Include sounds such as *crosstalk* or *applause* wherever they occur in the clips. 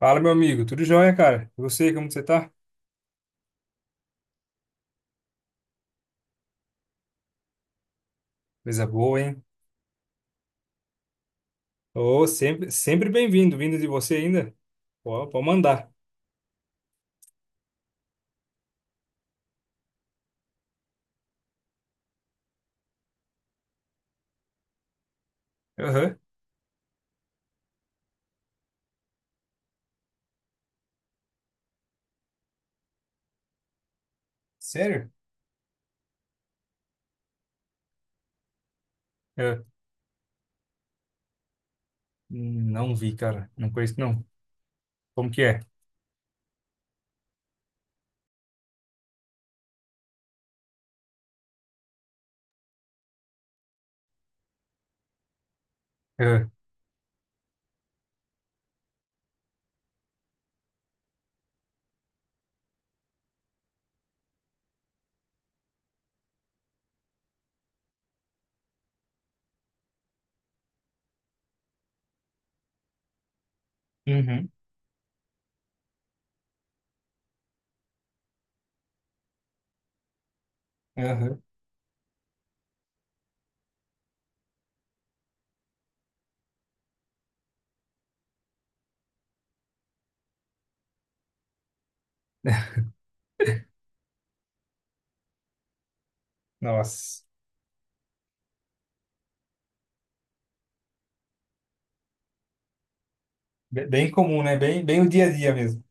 Fala, meu amigo. Tudo jóia, cara? E você, como você tá? Coisa boa, hein? Ô, sempre, sempre bem-vindo. Vindo de você ainda? Pô, pode mandar. Aham. Sério? É. Não vi, cara. Não conheço, não. Como que é? Aham. Uhum. Aham. Nossa. Bem comum, né? Bem, bem o dia a dia mesmo.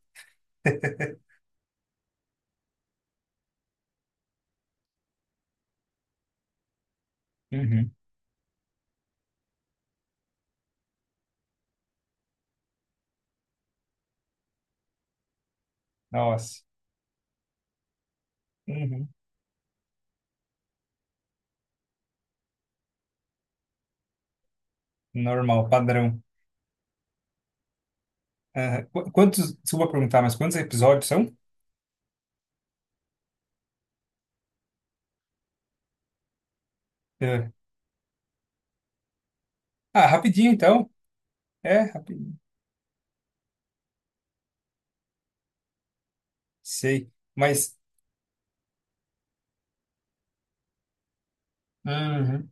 Uhum. *laughs* Nossa. Uhum. Normal, padrão. Aham. Quantos, desculpa perguntar, mas quantos episódios são? É. Ah, rapidinho então. É, rapidinho. Sei. Mas. Uhum.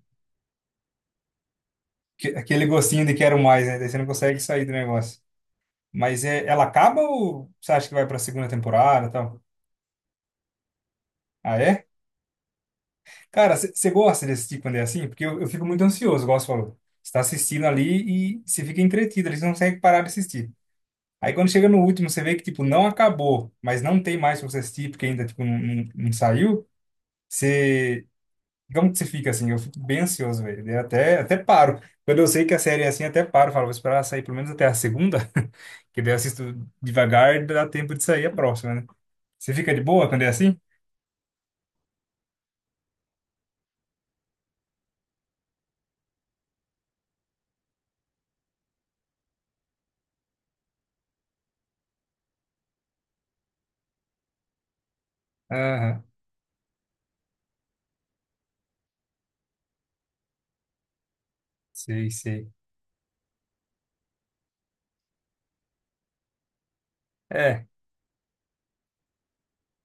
Aquele gostinho de quero mais, né? Daí você não consegue sair do negócio. Mas é, ela acaba ou você acha que vai pra segunda temporada e tal? Ah, é? Cara, você gosta de assistir quando é assim? Porque eu fico muito ansioso, igual você falou. Você tá assistindo ali e você fica entretido, ali você não consegue parar de assistir. Aí quando chega no último, você vê que, tipo, não acabou, mas não tem mais pra você assistir, porque ainda, tipo, não, não saiu. Você. Como que você fica assim? Eu fico bem ansioso, velho. Eu até paro. Quando eu sei que a série é assim, até paro. Falo, vou esperar sair pelo menos até a segunda, *laughs* que daí eu assisto devagar, e dá tempo de sair a próxima, né? Você fica de boa quando é assim? Aham, sei, sei. É,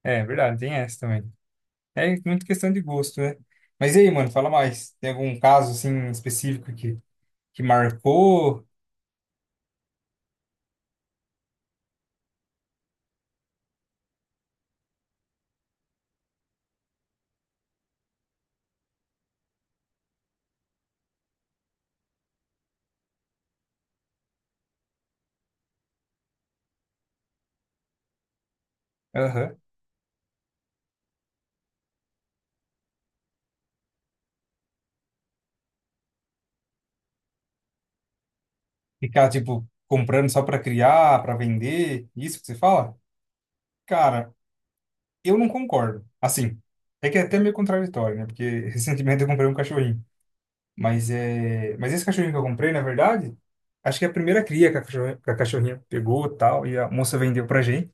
é verdade, tem essa também. É muito questão de gosto, né? Mas e aí, mano, fala mais. Tem algum caso, assim, específico que marcou? Aham. Ficar, tipo, comprando só pra criar, pra vender? Isso que você fala? Cara, eu não concordo. Assim, é que é até meio contraditório, né? Porque *laughs* recentemente eu comprei um cachorrinho. Mas é, mas esse cachorrinho que eu comprei, na verdade, acho que é a primeira cria que a cachorrinha pegou, tal, e a moça vendeu pra gente.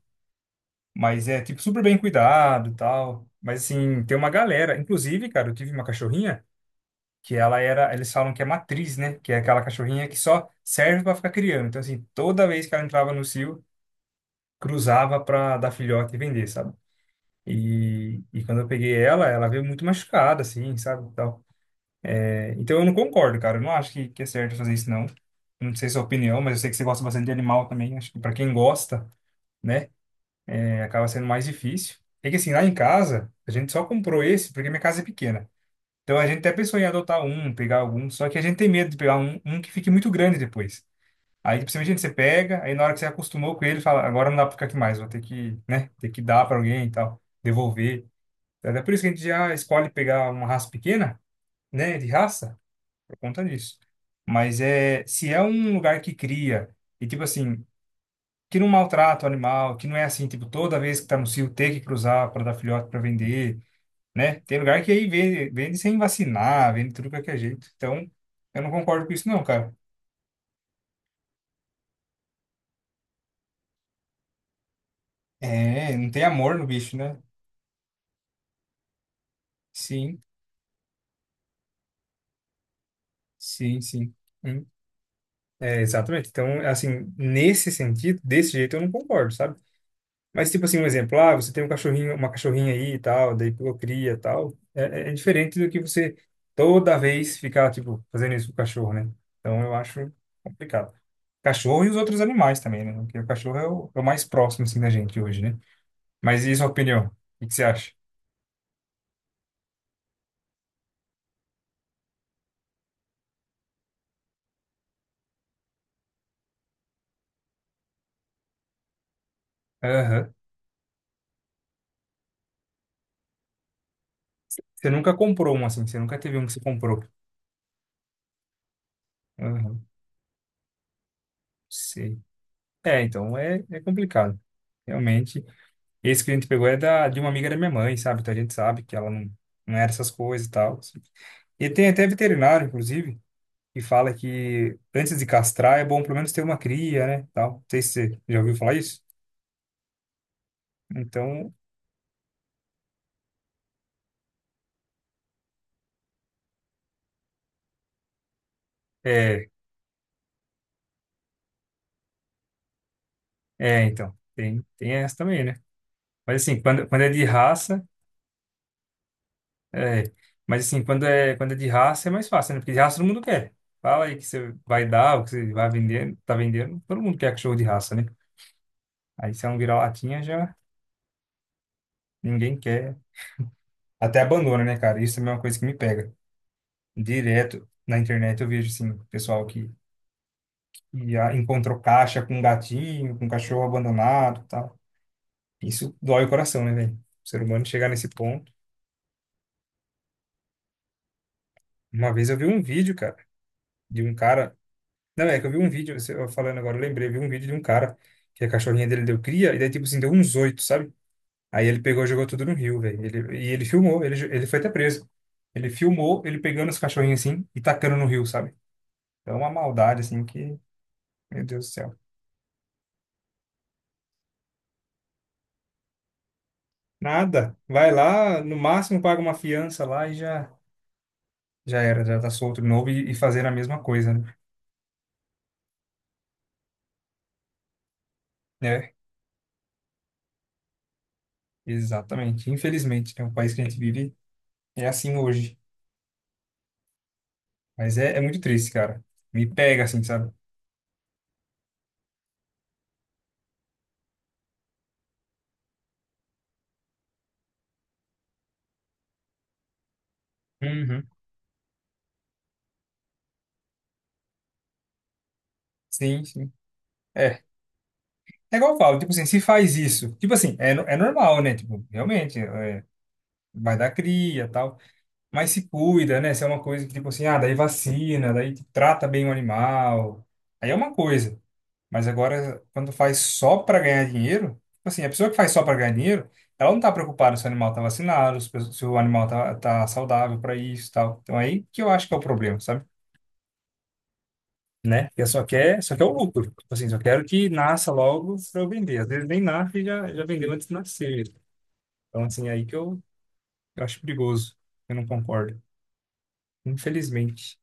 Mas é tipo super bem cuidado, tal. Mas assim, tem uma galera, inclusive, cara, eu tive uma cachorrinha que ela era, eles falam que é matriz, né? Que é aquela cachorrinha que só serve pra ficar criando. Então assim, toda vez que ela entrava no cio, cruzava pra dar filhote e vender, sabe? E quando eu peguei ela, ela veio muito machucada, assim, sabe? E tal. É, então eu não concordo, cara. Eu não acho que é certo fazer isso, não. Não sei sua opinião, mas eu sei que você gosta bastante de animal também. Acho que pra quem gosta, né, é, acaba sendo mais difícil. É que assim, lá em casa, a gente só comprou esse porque minha casa é pequena. Então a gente até pensou em adotar um, pegar algum, só que a gente tem medo de pegar um que fique muito grande depois. Aí, principalmente, você pega, aí na hora que você acostumou com ele, fala, agora não dá pra ficar aqui mais, vou ter que, né, ter que dar pra alguém e tal, devolver. É por isso que a gente já escolhe pegar uma raça pequena, né, de raça, por conta disso. Mas é, se é um lugar que cria, e tipo assim, que não maltrata o animal, que não é assim, tipo, toda vez que tá no cio ter que cruzar para dar filhote para vender, né? Tem lugar que aí vende, vende sem vacinar, vende tudo de qualquer jeito. Então, eu não concordo com isso não, cara. É, não tem amor no bicho, né? Sim, sim, sim. Hum. É, exatamente. Então, assim, nesse sentido, desse jeito eu não concordo, sabe? Mas, tipo assim, um exemplo, ah, você tem um cachorrinho, uma cachorrinha aí e tal, daí pô, cria e tal. É, é diferente do que você toda vez ficar, tipo, fazendo isso com o cachorro, né? Então eu acho complicado. Cachorro e os outros animais também, né? Porque o cachorro é o, é o mais próximo, assim, da gente hoje, né? Mas e a sua opinião? O que que você acha? Aham. Você nunca comprou um, assim, você nunca teve um que você comprou. Aham, sei. É complicado. Realmente. Esse que a gente pegou é da, de uma amiga da minha mãe, sabe? Então a gente sabe que ela não era essas coisas e tal. Assim. E tem até veterinário, inclusive, que fala que antes de castrar é bom pelo menos ter uma cria, né? Tal. Não sei se você já ouviu falar isso. Então, é, tem essa também, né? Mas assim, quando é de raça, é, mas assim, quando é de raça é mais fácil, né? Porque de raça todo mundo quer. Fala aí que você vai dar, o que você vai vender, tá vendendo, todo mundo quer cachorro de raça, né? Aí se é um vira-latinha já ninguém quer. Até abandona, né, cara? Isso também é uma coisa que me pega. Direto na internet eu vejo, assim, pessoal que ia, encontrou caixa com gatinho, com cachorro abandonado e tal. Isso dói o coração, né, velho? O ser humano chegar nesse ponto. Uma vez eu vi um vídeo, cara, de um cara. Não, é que eu vi um vídeo, eu falando agora, eu lembrei, eu vi um vídeo de um cara que a cachorrinha dele deu cria, e daí, tipo assim, deu uns oito, sabe? Aí ele pegou e jogou tudo no rio, velho. Ele, e ele filmou, ele foi até preso. Ele filmou ele pegando os cachorrinhos assim e tacando no rio, sabe? Então, é uma maldade, assim, que. Meu Deus do céu. Nada. Vai lá, no máximo paga uma fiança lá e já, já era, já tá solto de novo e fazer a mesma coisa, né? É, exatamente. Infelizmente, né? O país que a gente vive é assim hoje. Mas é, é muito triste, cara. Me pega assim, sabe? Uhum. Sim, sim. É. É igual eu falo, tipo assim, se faz isso, tipo assim, é, é normal, né? Tipo, realmente, é, vai dar cria e tal. Mas se cuida, né? Se é uma coisa que, tipo assim, ah, daí vacina, daí tipo, trata bem o animal. Aí é uma coisa. Mas agora, quando faz só para ganhar dinheiro, tipo assim, a pessoa que faz só para ganhar dinheiro, ela não tá preocupada se o animal tá vacinado, se o animal tá saudável para isso e tal. Então é aí que eu acho que é o problema, sabe? Né? Porque só quer o lucro. Tipo assim, só quero que nasça logo para eu vender. Às vezes nem nasce e já, já vendeu antes de nascer. Então, assim, é aí eu acho perigoso. Eu não concordo. Infelizmente.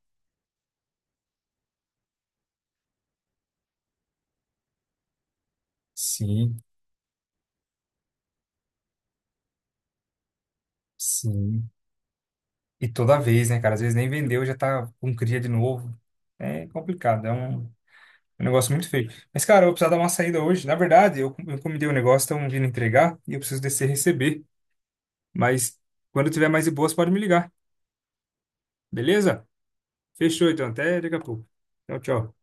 Sim, sim. E toda vez, né, cara? Às vezes nem vendeu, já tá com cria de novo. É complicado. É um. É um negócio muito feio. Mas, cara, eu vou precisar dar uma saída hoje. Na verdade, eu encomendei um negócio, estão vindo entregar e eu preciso descer e receber. Mas quando tiver mais de boas, pode me ligar. Beleza? Fechou, então. Até daqui a pouco. Tchau, tchau.